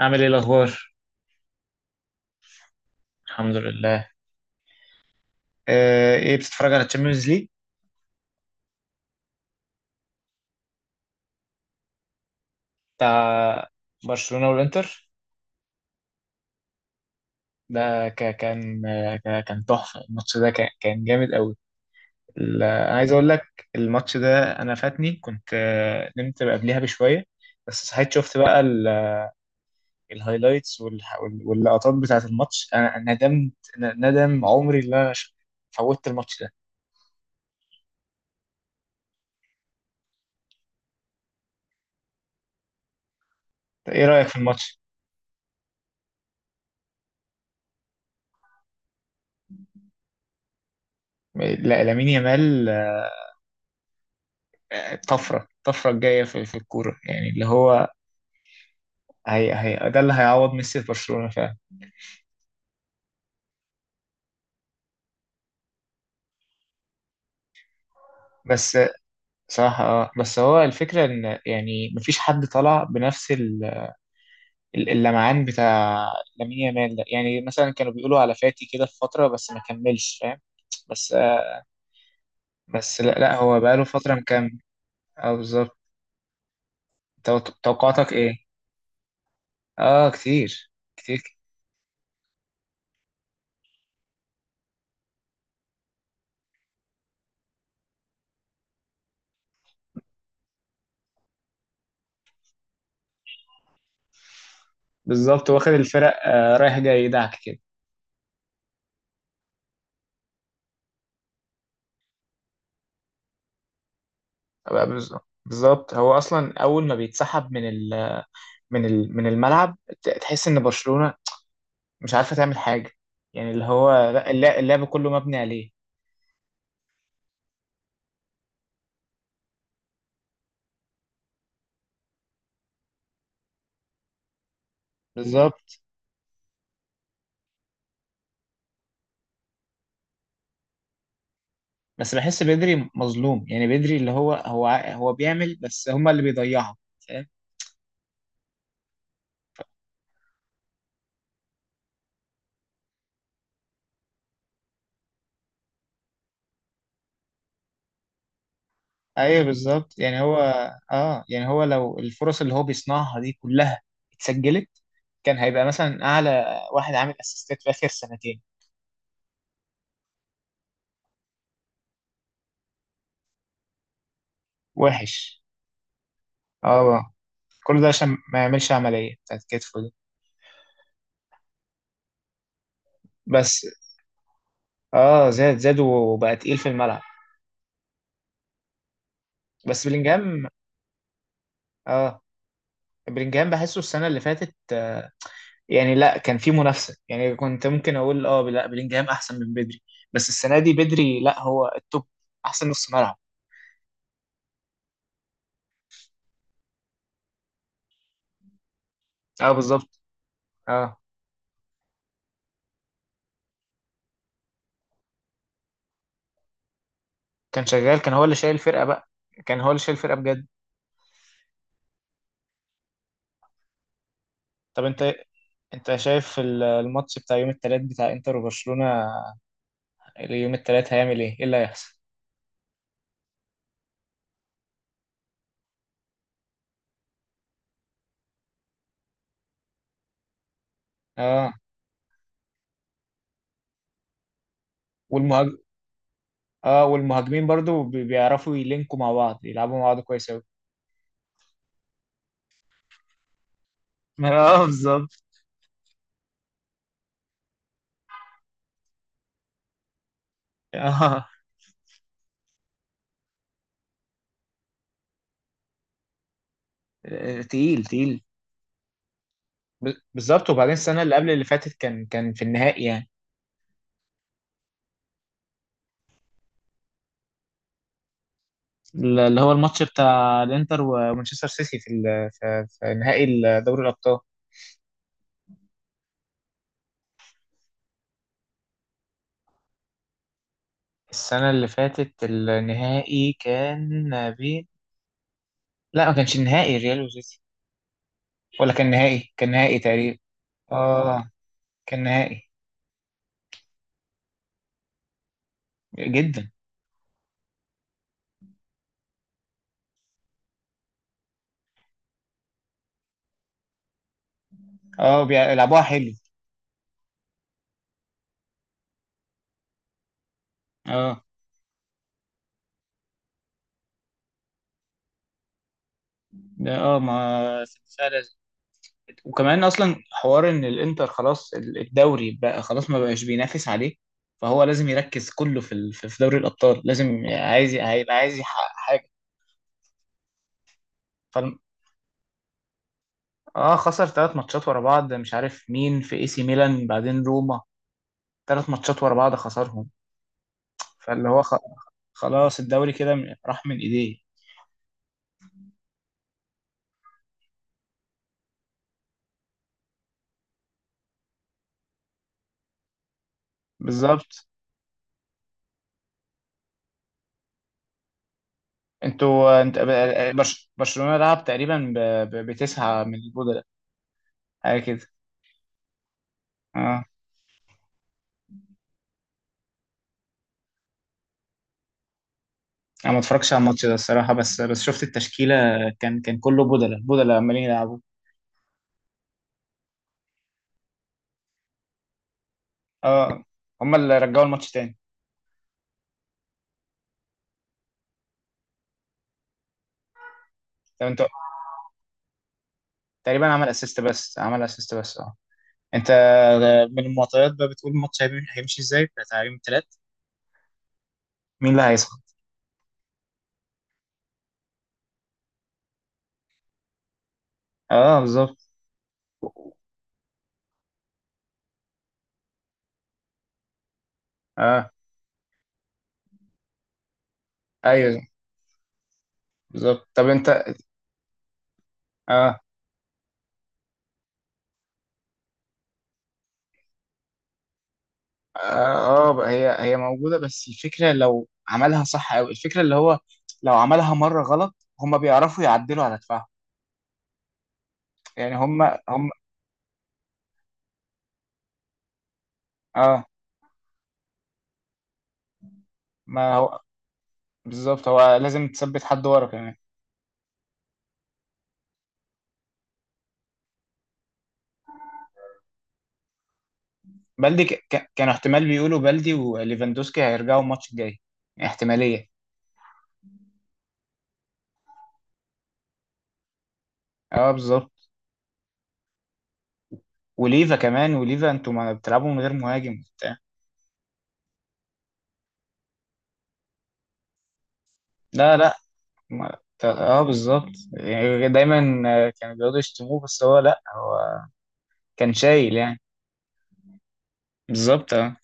عامل ايه الاخبار؟ الحمد لله. ايه بتتفرج على الشامبيونز ليج؟ بتاع برشلونة والانتر. ده كان تحفة، الماتش ده كان جامد قوي. انا عايز اقول لك، الماتش ده انا فاتني، كنت نمت قبلها بشوية. بس صحيت شفت بقى الهايلايتس واللقطات بتاعة الماتش، أنا ندمت، ندم عمري اللي انا فوتت الماتش ده. ايه رأيك في الماتش؟ لا، لامين يامال. الطفرة الجاية في الكورة، يعني اللي هو هي ده اللي هيعوض ميسي في برشلونة فعلا. بس صراحة، بس هو الفكرة ان يعني مفيش حد طلع بنفس اللمعان بتاع لامين يامال ده، يعني مثلا كانوا بيقولوا على فاتي كده في فترة بس ما كملش، فاهم؟ بس آه بس لا، لا، هو بقاله فترة مكمل. اه، بالظبط. توقعاتك ايه؟ اه، كتير. كتير، بالظبط، واخد الفرق رايح جاي يدعك كده. بقى، بالظبط، بالظبط، هو اصلا اول ما بيتسحب من ال من ال من الملعب، تحس ان برشلونة مش عارفه تعمل حاجه، يعني اللي هو، لا، اللعب كله مبني عليه. بالظبط. بس بحس بدري مظلوم، يعني بدري اللي هو هو بيعمل، بس هما اللي بيضيعوا، فاهم؟ ايوه، بالظبط، يعني هو، اه، يعني هو لو الفرص اللي هو بيصنعها دي كلها اتسجلت، كان هيبقى مثلا اعلى واحد عامل اسيستات في اخر سنتين. وحش. اه، كل ده عشان ما يعملش عمليه بتاعت كتفه دي. بس اه زاد وبقى تقيل في الملعب. بس بلينجهام. اه، بلينجهام بحسه السنة اللي فاتت، يعني لا، كان في منافسة، يعني كنت ممكن أقول أه لا بلينجهام أحسن من بدري، بس السنة دي بدري، لا هو التوب، أحسن نص ملعب. أه، بالظبط. أه، كان شغال، كان هو اللي شايل الفرقة بقى، كان هو اللي شايل الفرقة بجد. طب أنت شايف الماتش بتاع يوم التلات بتاع إنتر وبرشلونة، يوم التلات هيعمل إيه؟ إيه اللي هيحصل؟ أه والمهاج... أه، والمهاجمين برضو بيعرفوا يلينكوا مع بعض، يلعبوا مع بعض كويس أوي. اه، بالظبط. اه، تقيل، تقيل. بالظبط، وبعدين السنه اللي قبل اللي فاتت كان في النهائي يعني، اللي هو الماتش بتاع الانتر ومانشستر سيتي في ال- في في نهائي دوري الابطال. السنه اللي فاتت النهائي كان بين. لا، ما كانش النهائي ريال وسيتي، ولا كان نهائي تقريبا. اه، كان نهائي. جدا. اه، بيلعبوها حلو. اه، ده ما. وكمان اصلا حوار ان الانتر خلاص الدوري بقى خلاص ما بقاش بينافس عليه، فهو لازم يركز كله في ال- في في دوري الابطال، لازم هيبقى عايز يحقق حاجه. ف، اه خسر ثلاث ماتشات ورا بعض، مش عارف مين، في اي سي ميلان بعدين روما، ثلاث ماتشات ورا بعض خسرهم. فاللي هو خ... خلاص الدوري كده راح من ايديه. بالظبط. انت، برشلونه لعب تقريبا بتسعه من البودلة، حاجه كده. اه، انا ما اتفرجش على الماتش ده الصراحه، بس شفت التشكيله، كان كله بدله بدله عمالين يلعبوا. اه، هم اللي رجعوا الماتش تاني. طب انت، تقريبا عمل اسيست بس، عمل اسيست بس، اه. انت، من المعطيات بقى، بتقول الماتش هيمشي ازاي بتاع تعليم ثلاث، مين اللي هيصعد؟ اه، بالظبط. اه، ايوه، بالظبط. طب انت، اه هي موجوده، بس الفكره لو عملها صح قوي، الفكره اللي هو لو عملها مره غلط هم بيعرفوا يعدلوا على دفاعهم، يعني هم. اه، ما هو بالظبط، هو لازم تثبت حد ورا كمان. بلدي، كانوا احتمال بيقولوا بلدي وليفاندوسكي هيرجعوا الماتش الجاي، احتمالية. اه، بالظبط. وليفا كمان، وليفا، انتوا ما بتلعبوا من غير مهاجم وبتاع؟ لا، لا، ما... ت- اه بالظبط، يعني دايما كانوا بيقعدوا يشتموه، بس هو، لا، هو كان شايل يعني. بالظبط، اه.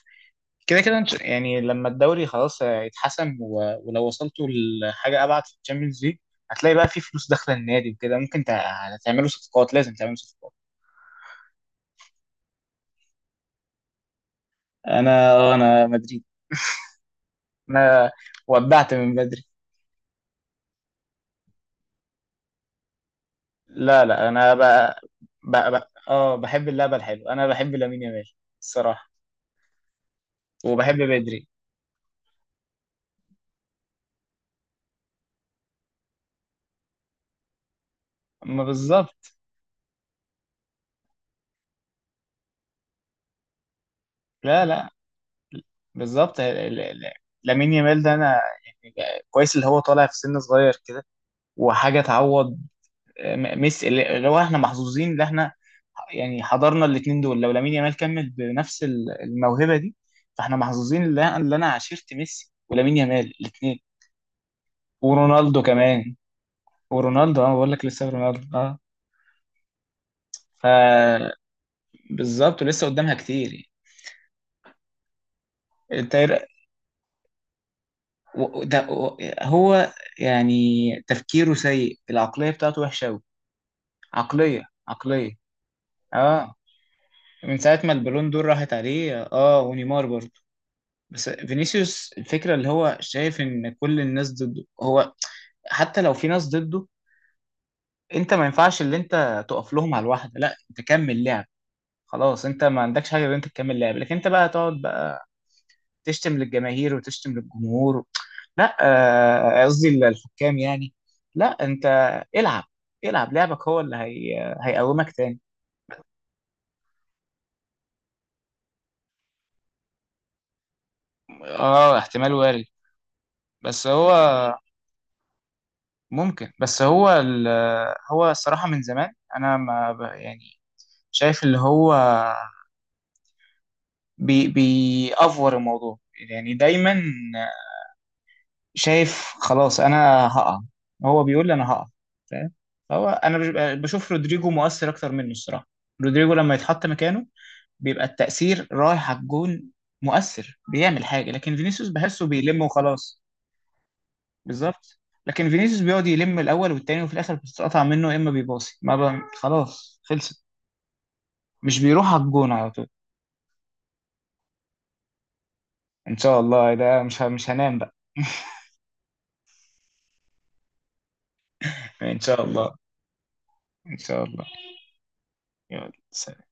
كده، كده، يعني لما الدوري خلاص يتحسم، ولو وصلتوا لحاجه ابعد في الشامبيونز ليج، هتلاقي بقى في فلوس داخله النادي وكده، ممكن تعملوا صفقات، لازم تعملوا صفقات. انا مدريد. انا ودعت من بدري. لا، لا، انا بقى، بقى، بقى، بحب اللعبه الحلوه، انا بحب لامين يامال الصراحه، وبحب بدري. ما بالظبط. لا، لا، بالظبط. ال- لامين يامال ده، انا يعني كويس اللي هو طالع في سن صغير كده، وحاجه تعوض ميسي، اللي هو احنا محظوظين ان احنا يعني حضرنا الاثنين دول. لو لامين يامال كمل بنفس الموهبه دي، فاحنا محظوظين ان انا اللي أنا عاشرت ميسي ولامين يامال الاثنين، ورونالدو كمان، ورونالدو، اه، بقول لك لسه رونالدو، اه. فبالظبط، ولسه قدامها كتير يعني. انت إيه ده، هو يعني تفكيره سيء، العقليه بتاعته وحشه قوي. عقليه، عقليه، اه. من ساعه ما البالون دور راحت عليه، ونيمار برضه. بس فينيسيوس الفكرة اللي هو شايف ان كل الناس ضده هو. حتى لو في ناس ضده، انت ما ينفعش اللي انت تقف لهم على الواحدة، لا انت كمل لعب، خلاص انت ما عندكش حاجة غير انت تكمل لعب، لكن انت بقى تقعد بقى تشتم للجماهير وتشتم للجمهور لا، قصدي الحكام يعني، لا انت العب، العب لعبك، هو اللي هيقومك تاني. اه، احتمال وارد. بس هو ممكن. بس هو هو الصراحة من زمان، انا ما يعني، شايف اللي هو بيأفور الموضوع، يعني دايما شايف خلاص انا هقع، هو بيقول لي انا هقع، فاهم؟ هو انا بشوف رودريجو مؤثر اكتر منه الصراحه، رودريجو لما يتحط مكانه بيبقى التأثير رايح على الجون، مؤثر بيعمل حاجه، لكن فينيسيوس بحسه بيلم وخلاص. بالظبط. لكن فينيسيوس بيقعد يلم الاول والتاني، وفي الاخر بتتقطع منه، يا اما بيباصي ما ب... خلاص خلصت، مش بيروح على الجون على طول. ان شاء الله، ده مش هنام بقى. إن شاء الله. إن شاء الله. يلا، سلام.